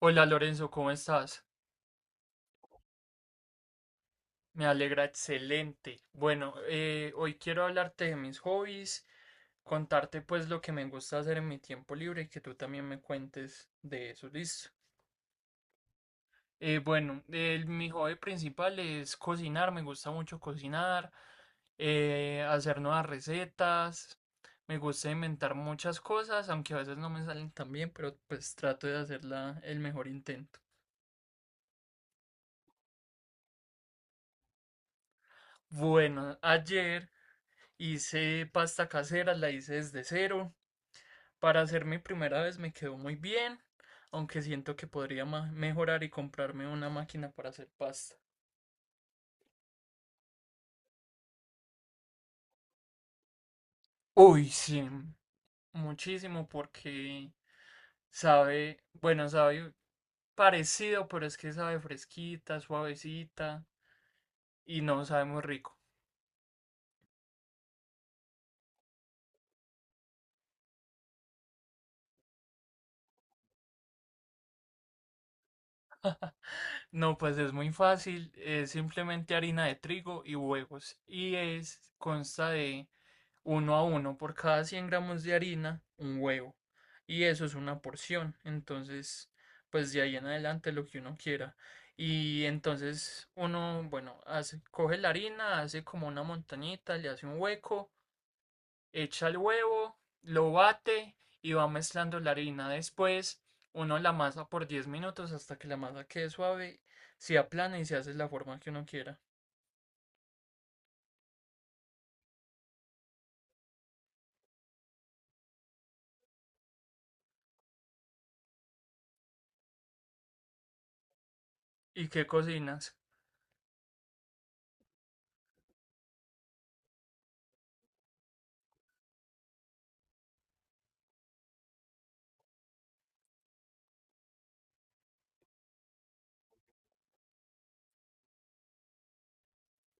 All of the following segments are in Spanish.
Hola Lorenzo, ¿cómo estás? Me alegra, excelente. Bueno, hoy quiero hablarte de mis hobbies, contarte pues lo que me gusta hacer en mi tiempo libre y que tú también me cuentes de eso, listo. Bueno, mi hobby principal es cocinar, me gusta mucho cocinar, hacer nuevas recetas, me gusta inventar muchas cosas, aunque a veces no me salen tan bien, pero pues trato de hacerla el mejor intento. Bueno, ayer... hice pasta casera, la hice desde cero. Para hacer mi primera vez me quedó muy bien, aunque siento que podría mejorar y comprarme una máquina para hacer pasta. Uy, sí, muchísimo porque sabe, bueno, sabe parecido, pero es que sabe fresquita, suavecita y no sabe muy rico. No, pues es muy fácil, es simplemente harina de trigo y huevos y es consta de uno a uno por cada 100 gramos de harina, un huevo. Y eso es una porción. Entonces, pues de ahí en adelante lo que uno quiera. Y entonces uno, bueno, hace, coge la harina, hace como una montañita, le hace un hueco, echa el huevo, lo bate y va mezclando la harina. Después uno la masa por 10 minutos hasta que la masa quede suave, se aplana y se hace la forma que uno quiera. ¿Y qué cocinas?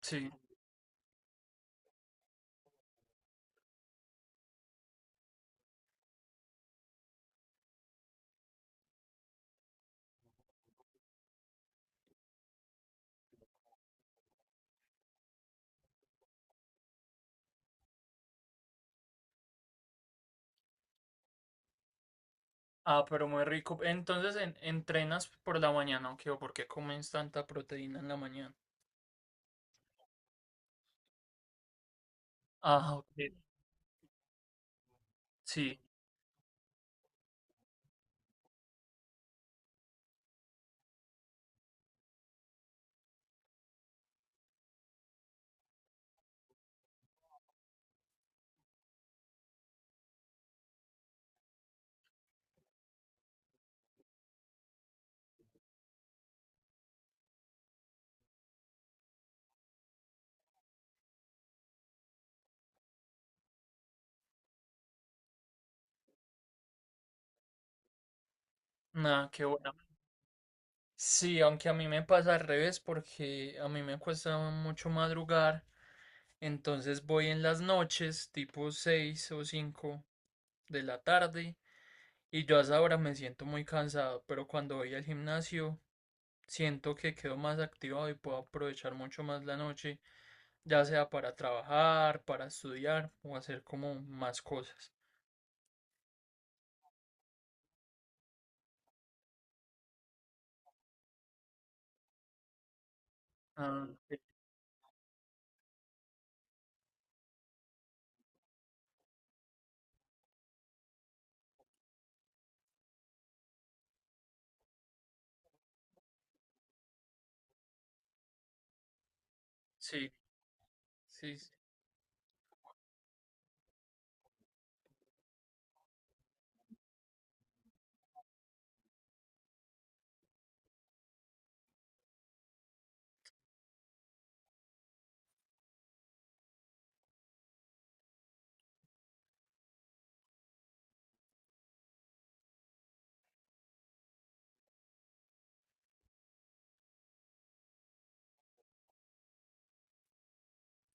Sí. Ah, pero muy rico. Entonces, ¿entrenas por la mañana o qué? ¿O por qué comes tanta proteína en la mañana? Ah, ok. Sí. Nada, qué bueno. Sí, aunque a mí me pasa al revés porque a mí me cuesta mucho madrugar. Entonces voy en las noches, tipo 6 o 5 de la tarde. Y yo a esa hora me siento muy cansado. Pero cuando voy al gimnasio... siento que quedo más activado y puedo aprovechar mucho más la noche, ya sea para trabajar, para estudiar o hacer como más cosas. Ah, sí, sí, sí.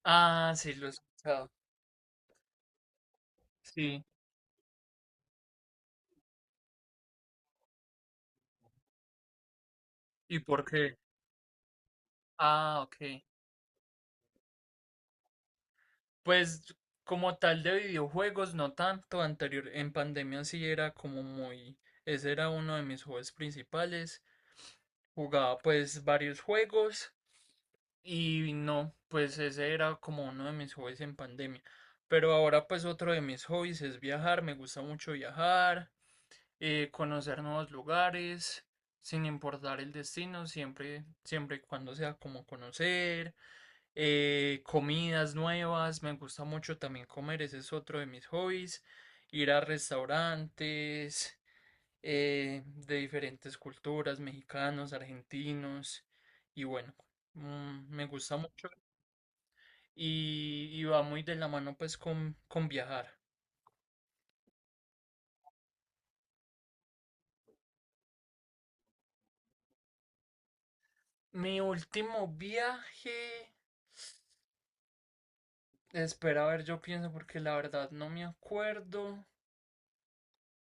Ah, sí, lo he escuchado. Sí. ¿Y por qué? Ah, ok. Pues como tal de videojuegos, no tanto. Anterior, en pandemia sí era como muy... ese era uno de mis hobbies principales. Jugaba pues varios juegos. Y no, pues ese era como uno de mis hobbies en pandemia. Pero ahora pues otro de mis hobbies es viajar, me gusta mucho viajar, conocer nuevos lugares, sin importar el destino, siempre, siempre y cuando sea como conocer, comidas nuevas, me gusta mucho también comer, ese es otro de mis hobbies, ir a restaurantes de diferentes culturas, mexicanos, argentinos, y bueno, mm, me gusta mucho y va muy de la mano pues con viajar. Mi último viaje, espera a ver, yo pienso porque la verdad no me acuerdo,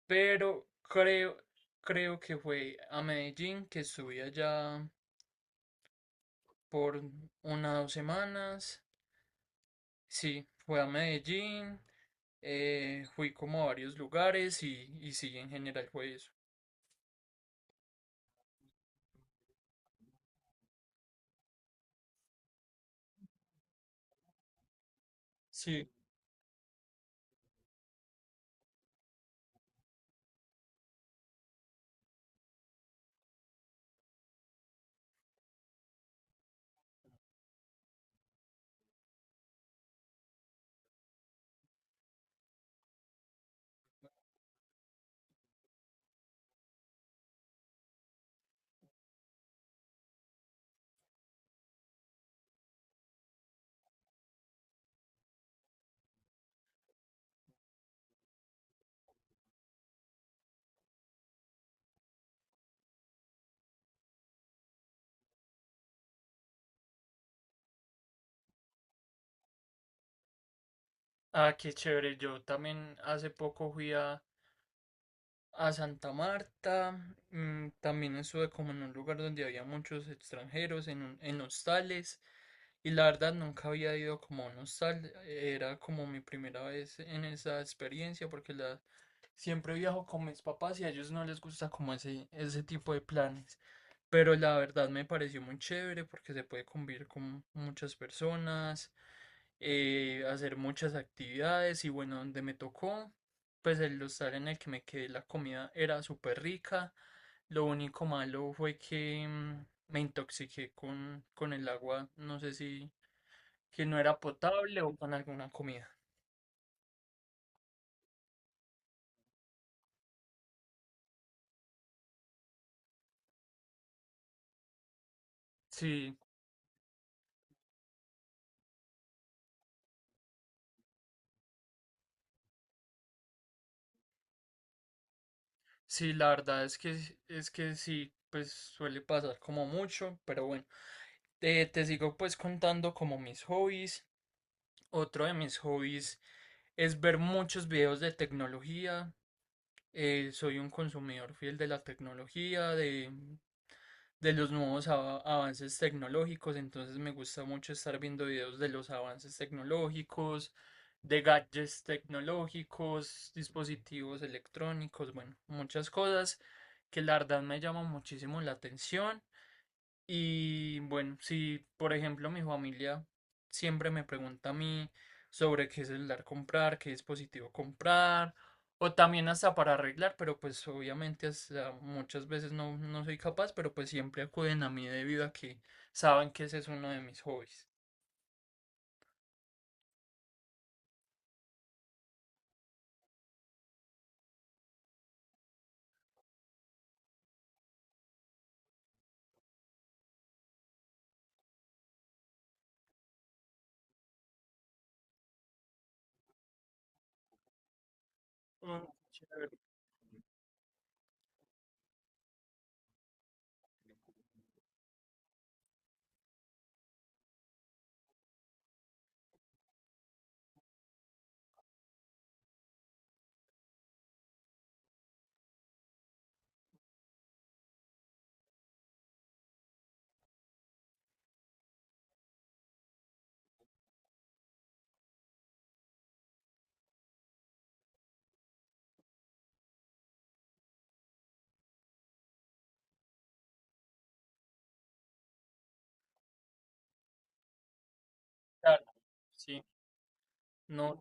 pero creo, creo que fue a Medellín, que estuve allá por unas 2 semanas. Sí, fue a Medellín, fui como a varios lugares y sí, en general fue eso. Sí. Ah, qué chévere. Yo también hace poco fui a Santa Marta, mm, también estuve como en un lugar donde había muchos extranjeros, en hostales, y la verdad nunca había ido como a un hostal, era como mi primera vez en esa experiencia, siempre viajo con mis papás y a ellos no les gusta como ese tipo de planes. Pero la verdad me pareció muy chévere porque se puede convivir con muchas personas, hacer muchas actividades y bueno, donde me tocó, pues el hostal en el que me quedé, la comida era súper rica. Lo único malo fue que mm, me intoxiqué con el agua, no sé si que no era potable o con alguna comida. Sí, sí, la verdad es que sí, pues suele pasar como mucho, pero bueno, te sigo pues contando como mis hobbies. Otro de mis hobbies es ver muchos videos de tecnología. Soy un consumidor fiel de la tecnología, de los nuevos avances tecnológicos, entonces me gusta mucho estar viendo videos de los avances tecnológicos, de gadgets tecnológicos, dispositivos electrónicos, bueno, muchas cosas que la verdad me llaman muchísimo la atención y bueno, si por ejemplo mi familia siempre me pregunta a mí sobre qué celular comprar, qué dispositivo comprar, o también hasta para arreglar, pero pues obviamente hasta muchas veces no, no soy capaz, pero pues siempre acuden a mí debido a que saben que ese es uno de mis hobbies. Mm, chévere. Claro, sí, no,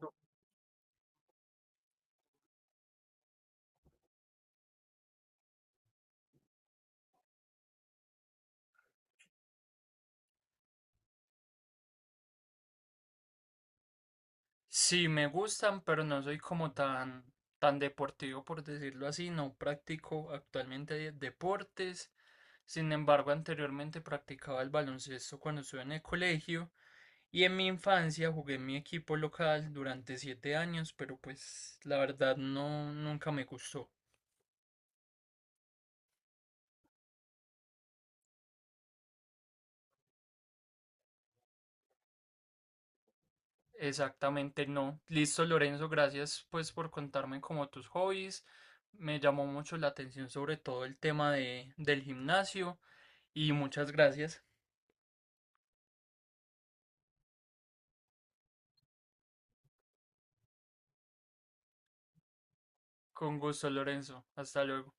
sí, me gustan, pero no soy como tan, tan deportivo, por decirlo así. No practico actualmente deportes. Sin embargo, anteriormente practicaba el baloncesto cuando estuve en el colegio y en mi infancia jugué en mi equipo local durante 7 años, pero pues la verdad no, nunca me gustó. Exactamente no. Listo, Lorenzo, gracias pues por contarme como tus hobbies. Me llamó mucho la atención sobre todo el tema de, del gimnasio y muchas gracias. Con gusto, Lorenzo. Hasta luego.